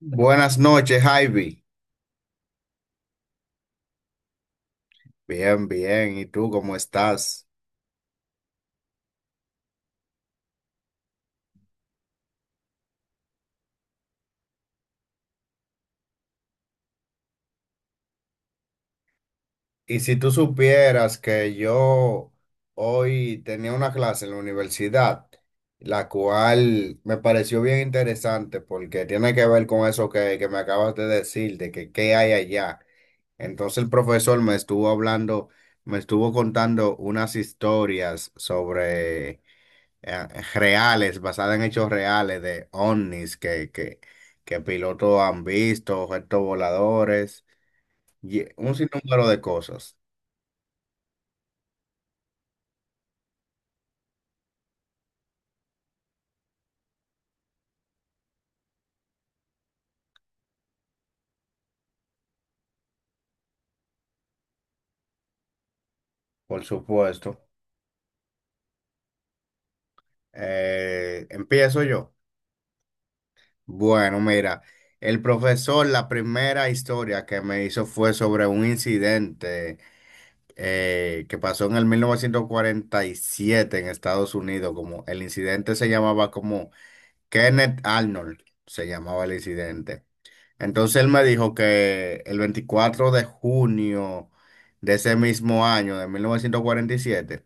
Buenas noches, Ivy. Bien, bien. ¿Y tú cómo estás? Y si tú supieras que yo hoy tenía una clase en la universidad, la cual me pareció bien interesante porque tiene que ver con eso que me acabas de decir, de que qué hay allá. Entonces el profesor me estuvo hablando, me estuvo contando unas historias sobre eh, reales, basada en hechos reales de ovnis que pilotos han visto, objetos voladores, y un sinnúmero de cosas, por supuesto. Empiezo yo. Bueno, mira, el profesor, la primera historia que me hizo fue sobre un incidente que pasó en el 1947 en Estados Unidos, como el incidente se llamaba como Kenneth Arnold se llamaba el incidente. Entonces él me dijo que el 24 de junio de ese mismo año, de 1947,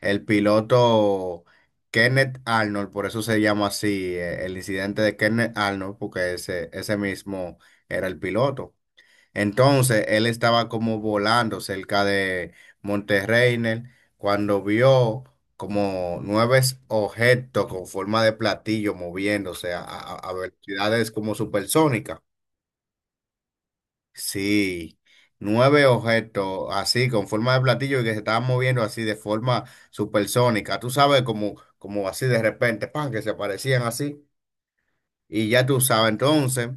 el piloto Kenneth Arnold, por eso se llama así, el incidente de Kenneth Arnold, porque ese mismo era el piloto. Entonces él estaba como volando cerca de Monterreynel cuando vio como nueve objetos con forma de platillo moviéndose a velocidades como supersónicas. Sí, nueve objetos así con forma de platillo y que se estaban moviendo así de forma supersónica. Tú sabes como, como así de repente, pan, que se aparecían así. Y ya tú sabes entonces.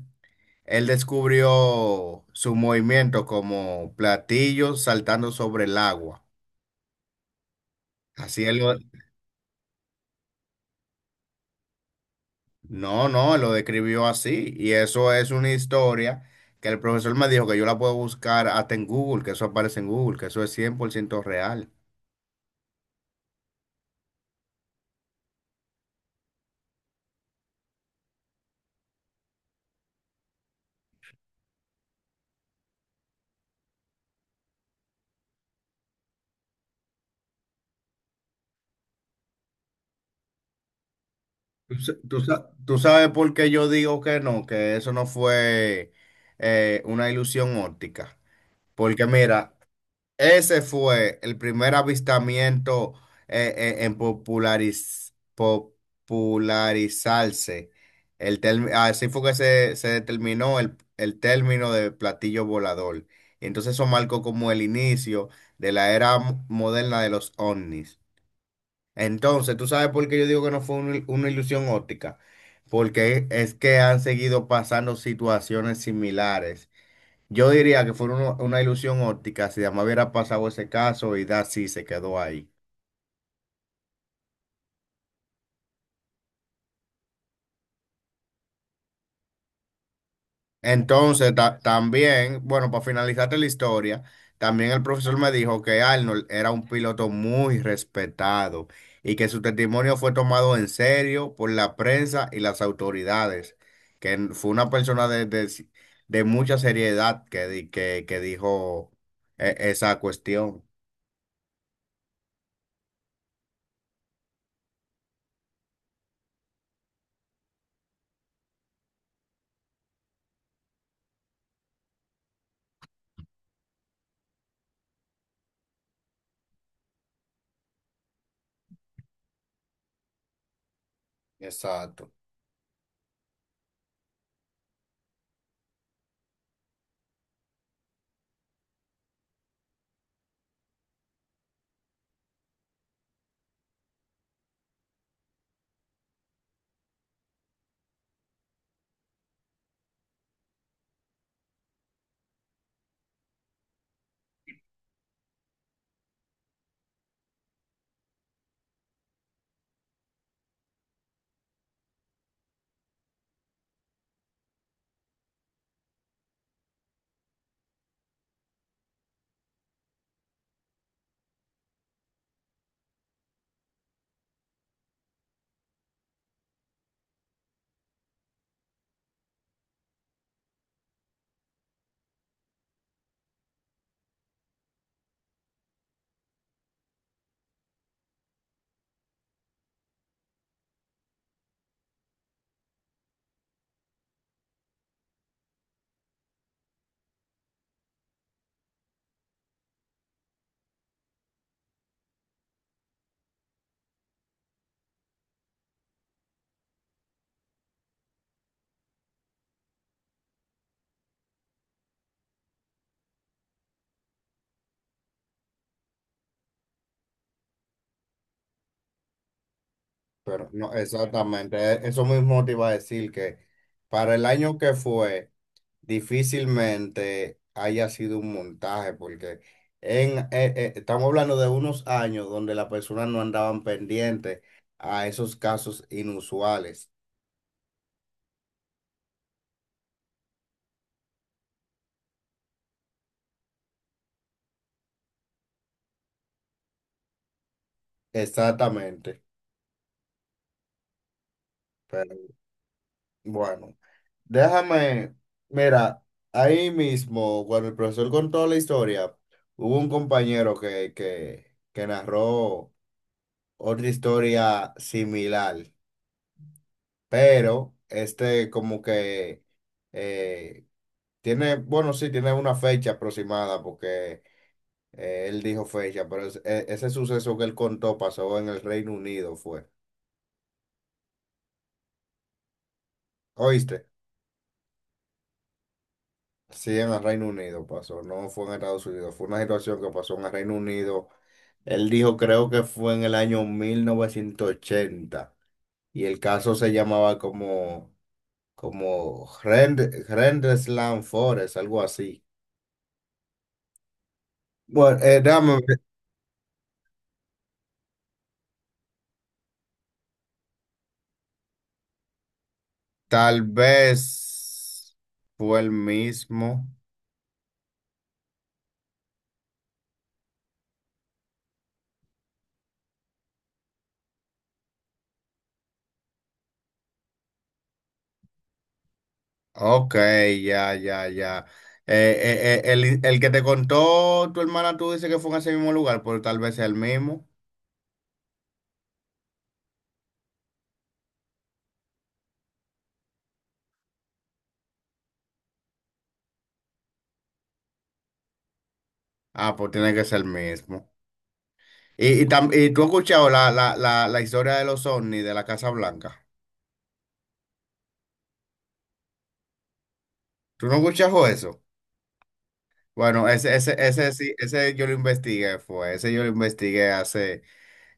Él descubrió su movimiento como platillos saltando sobre el agua. Así él lo. No, no, él lo describió así. Y eso es una historia que el profesor me dijo que yo la puedo buscar hasta en Google, que eso aparece en Google, que eso es 100% real. ¿Tú sabes por qué yo digo que no, que eso no fue una ilusión óptica? Porque mira, ese fue el primer avistamiento en popularizarse. Así fue que se determinó el término de platillo volador. Y entonces eso marcó como el inicio de la era moderna de los ovnis. Entonces, ¿tú sabes por qué yo digo que no fue una ilusión óptica? Porque es que han seguido pasando situaciones similares, yo diría que fue una ilusión óptica si además hubiera pasado ese caso y da sí se quedó ahí. Entonces, también, bueno, para finalizarte la historia, también el profesor me dijo que Arnold era un piloto muy respetado y que su testimonio fue tomado en serio por la prensa y las autoridades, que fue una persona de mucha seriedad que dijo esa cuestión. Exacto. Pero no, exactamente, eso mismo te iba a decir que para el año que fue, difícilmente haya sido un montaje, porque estamos hablando de unos años donde las personas no andaban pendientes a esos casos inusuales. Exactamente, pero bueno, déjame, mira, ahí mismo, cuando el profesor contó la historia, hubo un compañero que narró otra historia similar, pero este como que eh, tiene, bueno, sí, tiene una fecha aproximada porque él dijo fecha, pero ese suceso que él contó pasó en el Reino Unido, fue. ¿Oíste? Sí, en el Reino Unido pasó, no fue en Estados Unidos, fue una situación que pasó en el Reino Unido. Él dijo, creo que fue en el año 1980 y el caso se llamaba como Grand Slam Forest, algo así. Bueno, dame, ver, tal vez fue el mismo. Ok, ya, ya, ya. Eh, el que te contó tu hermana, tú dices que fue en ese mismo lugar, pero tal vez sea el mismo. Ah, pues tiene que ser el mismo. Y tú has escuchado la historia de los ovnis de la Casa Blanca. ¿Tú no escuchas eso? Bueno, ese sí, ese yo lo investigué, fue, ese yo lo investigué hace,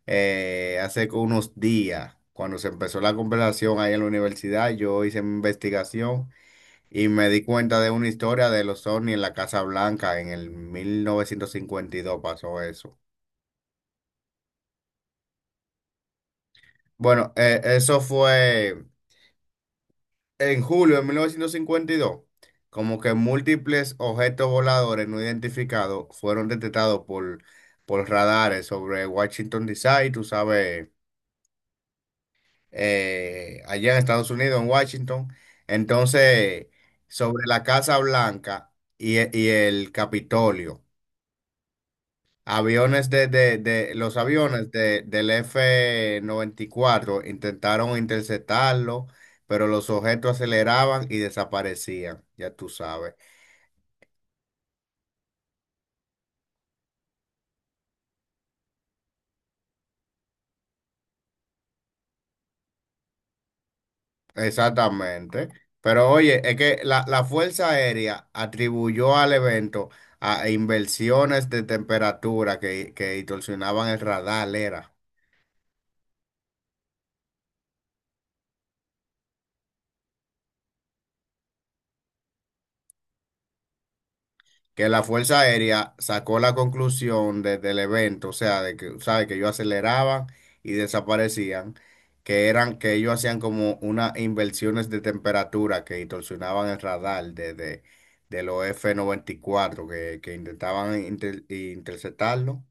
hace unos días, cuando se empezó la conversación ahí en la universidad, yo hice mi investigación y me di cuenta de una historia de los ovnis en la Casa Blanca en el 1952. Pasó eso. Bueno, eso fue en julio de 1952, como que múltiples objetos voladores no identificados fueron detectados por radares sobre Washington, D. C., tú sabes, allá en Estados Unidos, en Washington. Entonces, sobre la Casa Blanca y el Capitolio, aviones los aviones del F-94 intentaron interceptarlo, pero los objetos aceleraban y desaparecían, ya tú sabes. Exactamente. Pero oye, es que la Fuerza Aérea atribuyó al evento a inversiones de temperatura que distorsionaban el radar, era. Que la Fuerza Aérea sacó la conclusión del evento, o sea, de que, ¿sabe? Que ellos aceleraban y desaparecían, que eran, que ellos hacían como unas inversiones de temperatura que distorsionaban el radar de los F-94 que intentaban interceptarlo.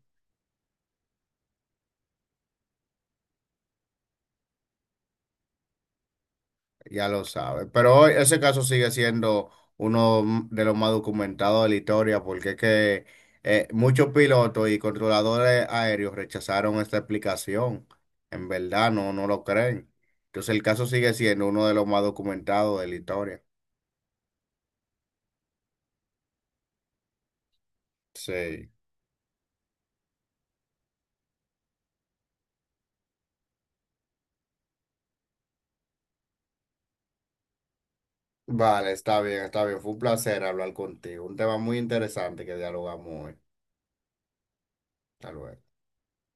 Ya lo sabe. Pero hoy ese caso sigue siendo uno de los más documentados de la historia, porque es que muchos pilotos y controladores aéreos rechazaron esta explicación. En verdad, no, no lo creen. Entonces el caso sigue siendo uno de los más documentados de la historia. Sí. Vale, está bien, está bien. Fue un placer hablar contigo. Un tema muy interesante que dialogamos hoy. Hasta luego.